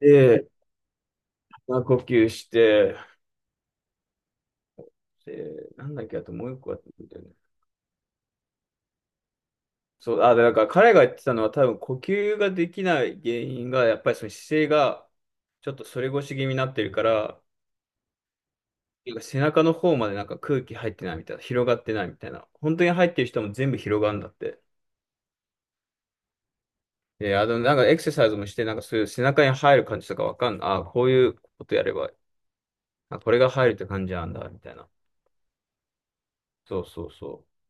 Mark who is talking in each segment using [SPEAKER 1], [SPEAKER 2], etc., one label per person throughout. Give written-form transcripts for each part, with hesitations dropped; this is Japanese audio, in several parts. [SPEAKER 1] で、まあ、呼吸して、で、なんだっけ、あともう一個あったんだよね。そう、で、なんから彼が言ってたのは多分呼吸ができない原因が、やっぱりその姿勢がちょっと反り腰気味になってるから、なんか背中の方までなんか空気入ってないみたいな、広がってないみたいな。本当に入ってる人も全部広がるんだって。で、あの、なんかエクササイズもして、なんかそういう背中に入る感じとかわかんない。あ、こういうことやれば、あ、これが入るって感じなんだ、みたいな。そうそうそう。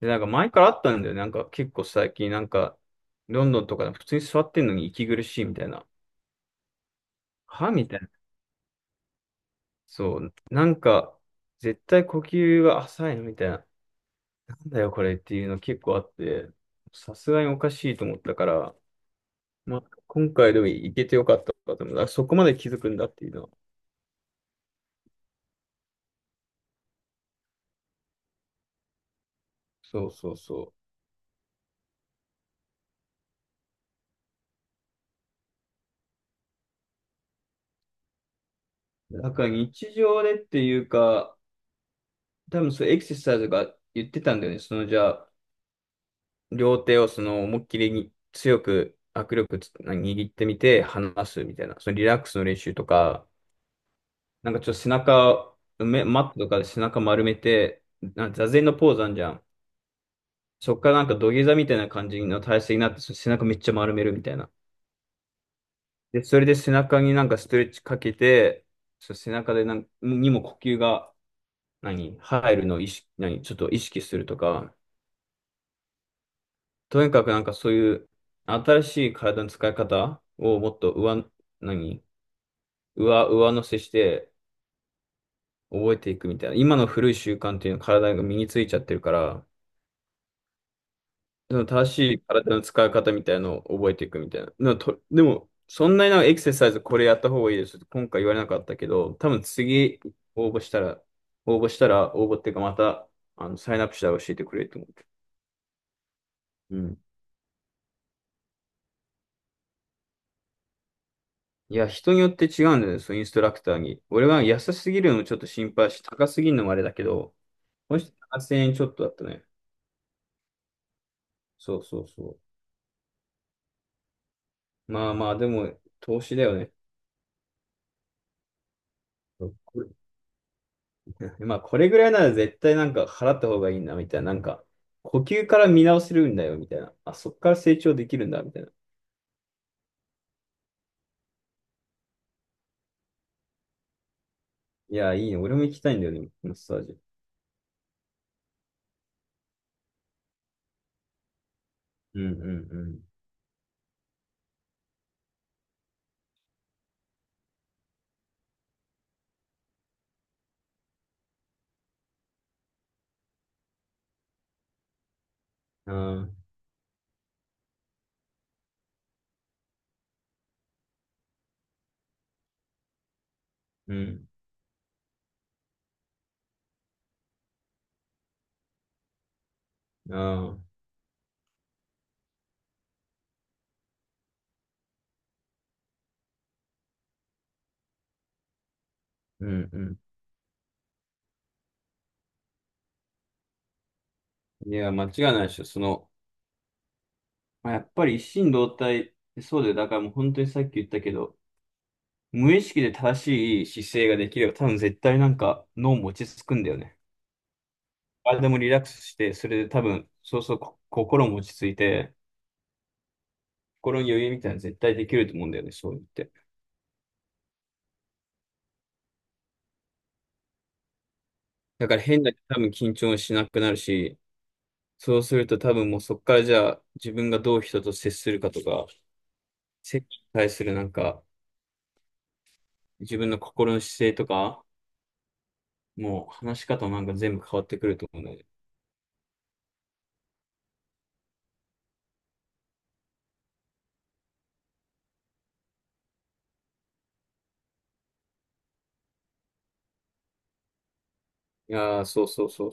[SPEAKER 1] で、なんか前からあったんだよね。なんか結構最近、なんか、ロンドンとかで普通に座ってんのに息苦しいみたいな。はみたいな。そう。なんか、絶対呼吸が浅いのみたいな。なんだよ、これっていうの結構あって、さすがにおかしいと思ったから、まあ、今回でも行けてよかったかと思う。あそこまで気づくんだっていうのは。そうそうそう。なんか日常でっていうか、多分そうエクササイズが言ってたんだよね。そのじゃあ、両手をその思いっきりに強く握力つ握ってみて離すみたいな、そのリラックスの練習とか、なんかちょっと背中、マットとかで背中丸めて、な座禅のポーズあんじゃん。そっからなんか土下座みたいな感じの体勢になって、その背中めっちゃ丸めるみたいな。で、それで背中になんかストレッチかけて、その背中でなんにも呼吸が何入るのを意識、何ちょっと意識するとか、とにかくなんかそういう新しい体の使い方をもっと上、何上、上乗せして覚えていくみたいな。今の古い習慣っていうのは体が身についちゃってるから、その正しい体の使い方みたいなのを覚えていくみたいな。でも、でもそんなになんかエクササイズこれやった方がいいですって今回言われなかったけど、多分次応募したら、応募したら、応募っていうかまた、あの、サインアップしたら教えてくれると思う。うん。いや、人によって違うんですよね、インストラクターに。俺は安すぎるのもちょっと心配し、高すぎるのもあれだけど、もし8せん円ちょっとだったね。そうそうそう。まあまあ、でも、投資だよね。まあ、これぐらいなら絶対なんか払った方がいいな、みたいな。なんか、呼吸から見直せるんだよ、みたいな。あ、そっから成長できるんだ、みたいな。いや、いいね。俺も行きたいんだよね、マッサージ。うんうんうん。ああ、うん。ああ、うんうん。いや、間違いないでしょ。その、まあ、やっぱり一心同体、そうだよ。だからもう本当にさっき言ったけど、無意識で正しい姿勢ができれば、多分絶対なんか脳も落ち着くんだよね。体もリラックスして、それで多分、そうそう、心も落ち着いて、心に余裕みたいなの絶対できると思うんだよね、そう言って。だから変な、多分緊張しなくなるし、そうすると多分もうそこからじゃあ自分がどう人と接するかとか、接に対するなんか、自分の心の姿勢とか、もう話し方もなんか全部変わってくると思うんだよね。いやー、そうそうそう。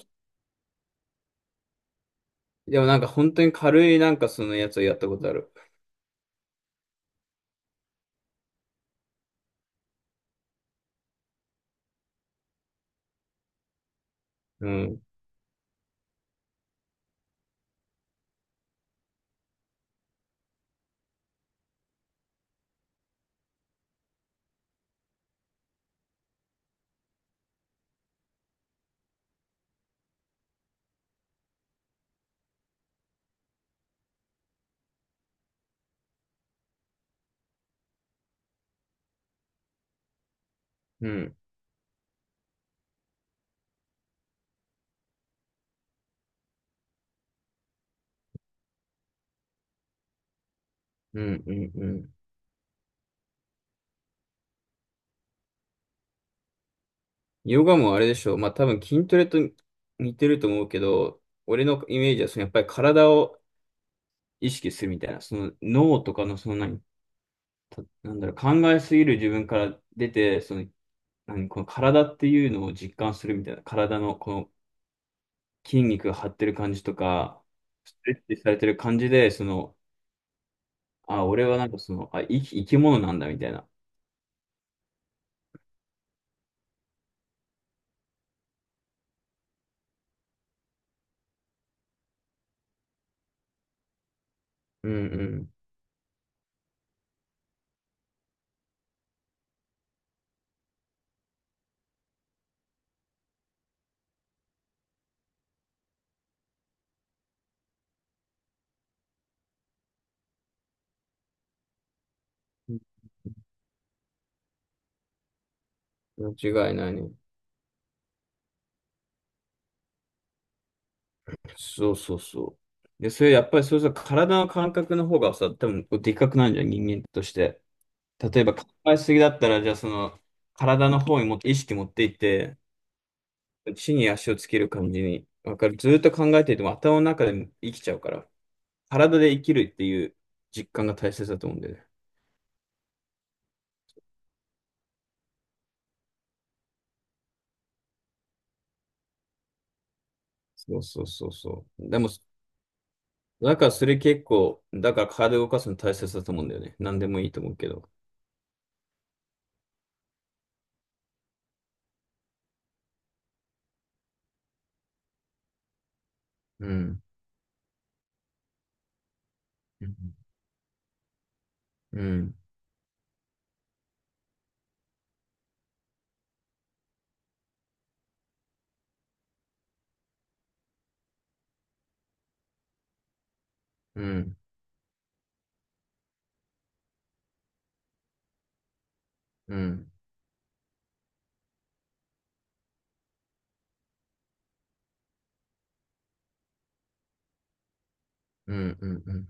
[SPEAKER 1] でもなんか本当に軽いなんかそのやつをやったことある。うん、うん、うん、うん、うん。ヨガもあれでしょう。まあ多分筋トレと似てると思うけど、俺のイメージはそのやっぱり体を意識するみたいな、その脳とかのその何、なんだろう、考えすぎる自分から出て、その何、この体っていうのを実感するみたいな、体のこの筋肉が張ってる感じとか、ストレッチされてる感じで、その、あ、俺はなんかその、あ、生き物なんだみたいな。うんうん。間違いないね。そうそうそう。で、それやっぱりそうそう体の感覚の方がさ、多分こうでっかくなるじゃん、人間として。例えば考えすぎだったら、じゃあその体の方にもっと意識持っていって、地に足をつける感じに、わかる。ずっと考えていても頭の中でも生きちゃうから、体で生きるっていう実感が大切だと思うんだよね。そうそうそうそう。でも、だからそれ結構、だから体を動かすの大切だと思うんだよね。何でもいいと思うけど。うん。うん。うんうん、うん、うん、うん、うん、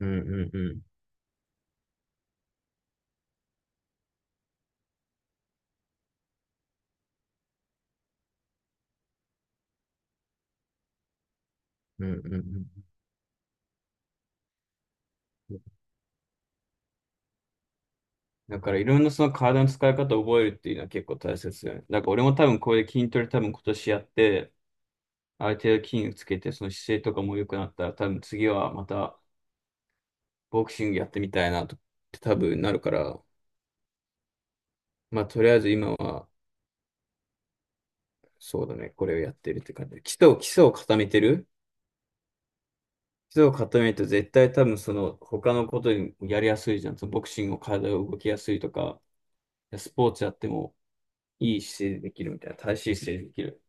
[SPEAKER 1] うん、うん、うん、うん、うん。だからいろんなその体の使い方を覚えるっていうのは結構大切だよね。だから俺も多分これで筋トレ多分今年やって、ある程度筋肉つけて、その姿勢とかも良くなったら、多分次はまたボクシングやってみたいなと、多分なるから、まあとりあえず今はそうだね、これをやってるって感じ。基礎を固めてる。基礎を固めると絶対多分その他のことにやりやすいじゃん。そのボクシングを体を動きやすいとか、スポーツやってもいい姿勢でできるみたいな、正しい姿勢でできる。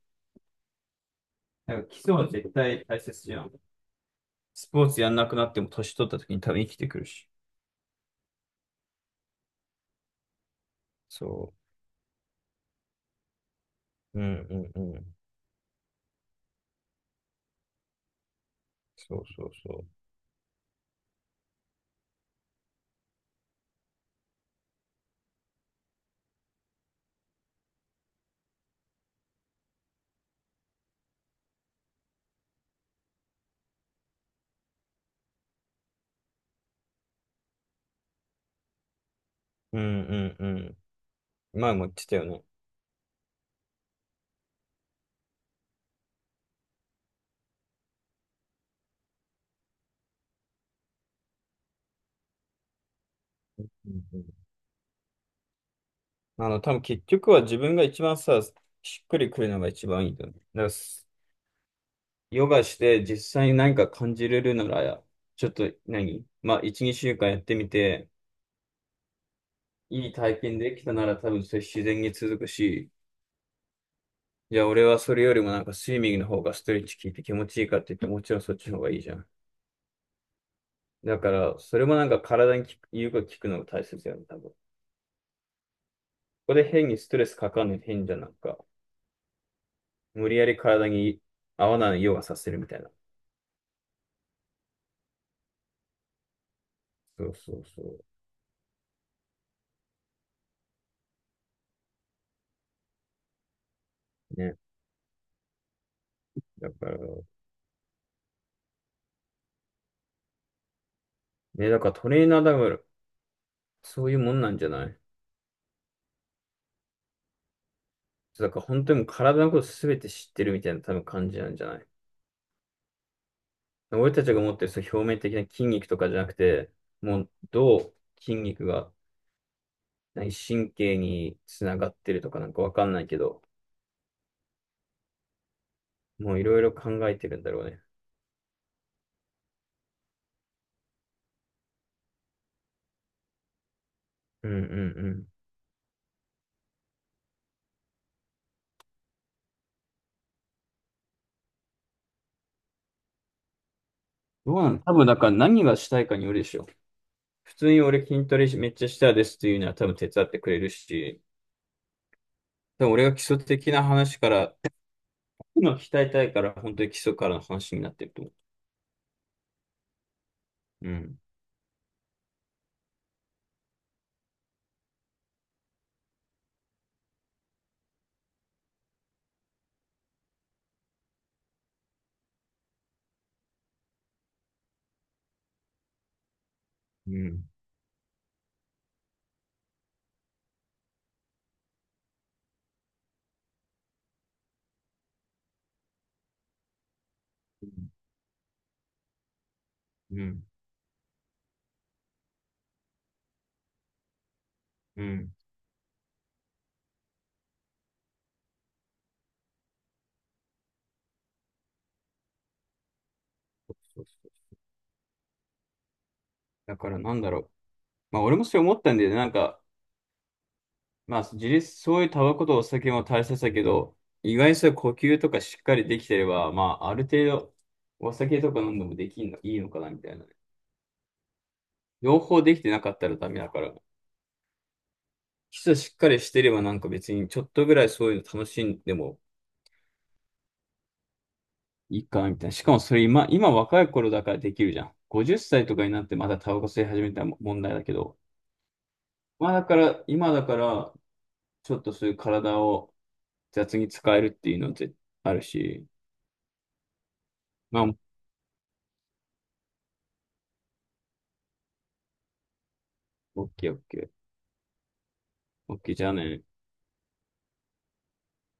[SPEAKER 1] なんか基礎は絶対大切じゃん。スポーツやんなくなっても年取った時に多分生きてくるし。そう。うんうんうん。そうそうそう。うんうんうん。前も言ってたよね。うんうん、あの、多分結局は自分が一番さ、しっくりくるのが一番いいんだよね。だからヨガして実際に何か感じれるなら、ちょっと何まあ、1、2週間やってみて、いい体験できたなら多分それ自然に続くし、じゃあ俺はそれよりもなんかスイミングの方がストレッチ効いて気持ちいいかって言ってもちろんそっちの方がいいじゃん。だから、それもなんか体に効く、言うこと聞くのが大切だよね、多分。ここで変にストレスかかんの変じゃんなんか、無理やり体に合わないようがさせるみたいな。そうそうそう。ね。だから、ね、だからトレーナーだから、そういうもんなんじゃない？だから本当にもう体のことすべて知ってるみたいな多分感じなんじゃない？俺たちが持ってるその表面的な筋肉とかじゃなくて、もうどう筋肉が何神経につながってるとかなんかわかんないけど、もういろいろ考えてるんだろうね。うんうんうん。どうなの？多分だから何がしたいかによるでしょ。普通に俺筋トレめっちゃしたいですっていうのは多分手伝ってくれるし、多分俺が基礎的な話から、今鍛えたいから本当に基礎からの話になってると思う。うん。うん。うん。うん。うんそうそうだからなんだろう。まあ俺もそれ思ったんだよね。なんか、まあ、自立、そういうタバコとお酒も大切だけど、意外にそういう呼吸とかしっかりできてれば、まあ、ある程度、お酒とか飲んでもできんの、いいのかな、みたいな。両方できてなかったらダメだから、基礎しっかりしてればなんか別にちょっとぐらいそういうの楽しんでもいいかな、みたいな。しかもそれ今若い頃だからできるじゃん。50歳とかになってまだタバコ吸い始めたら問題だけど、まあだから、今だから、ちょっとそういう体を雑に使えるっていうのってあるし、まあ、オッケーオッケー。OK、 じゃあね。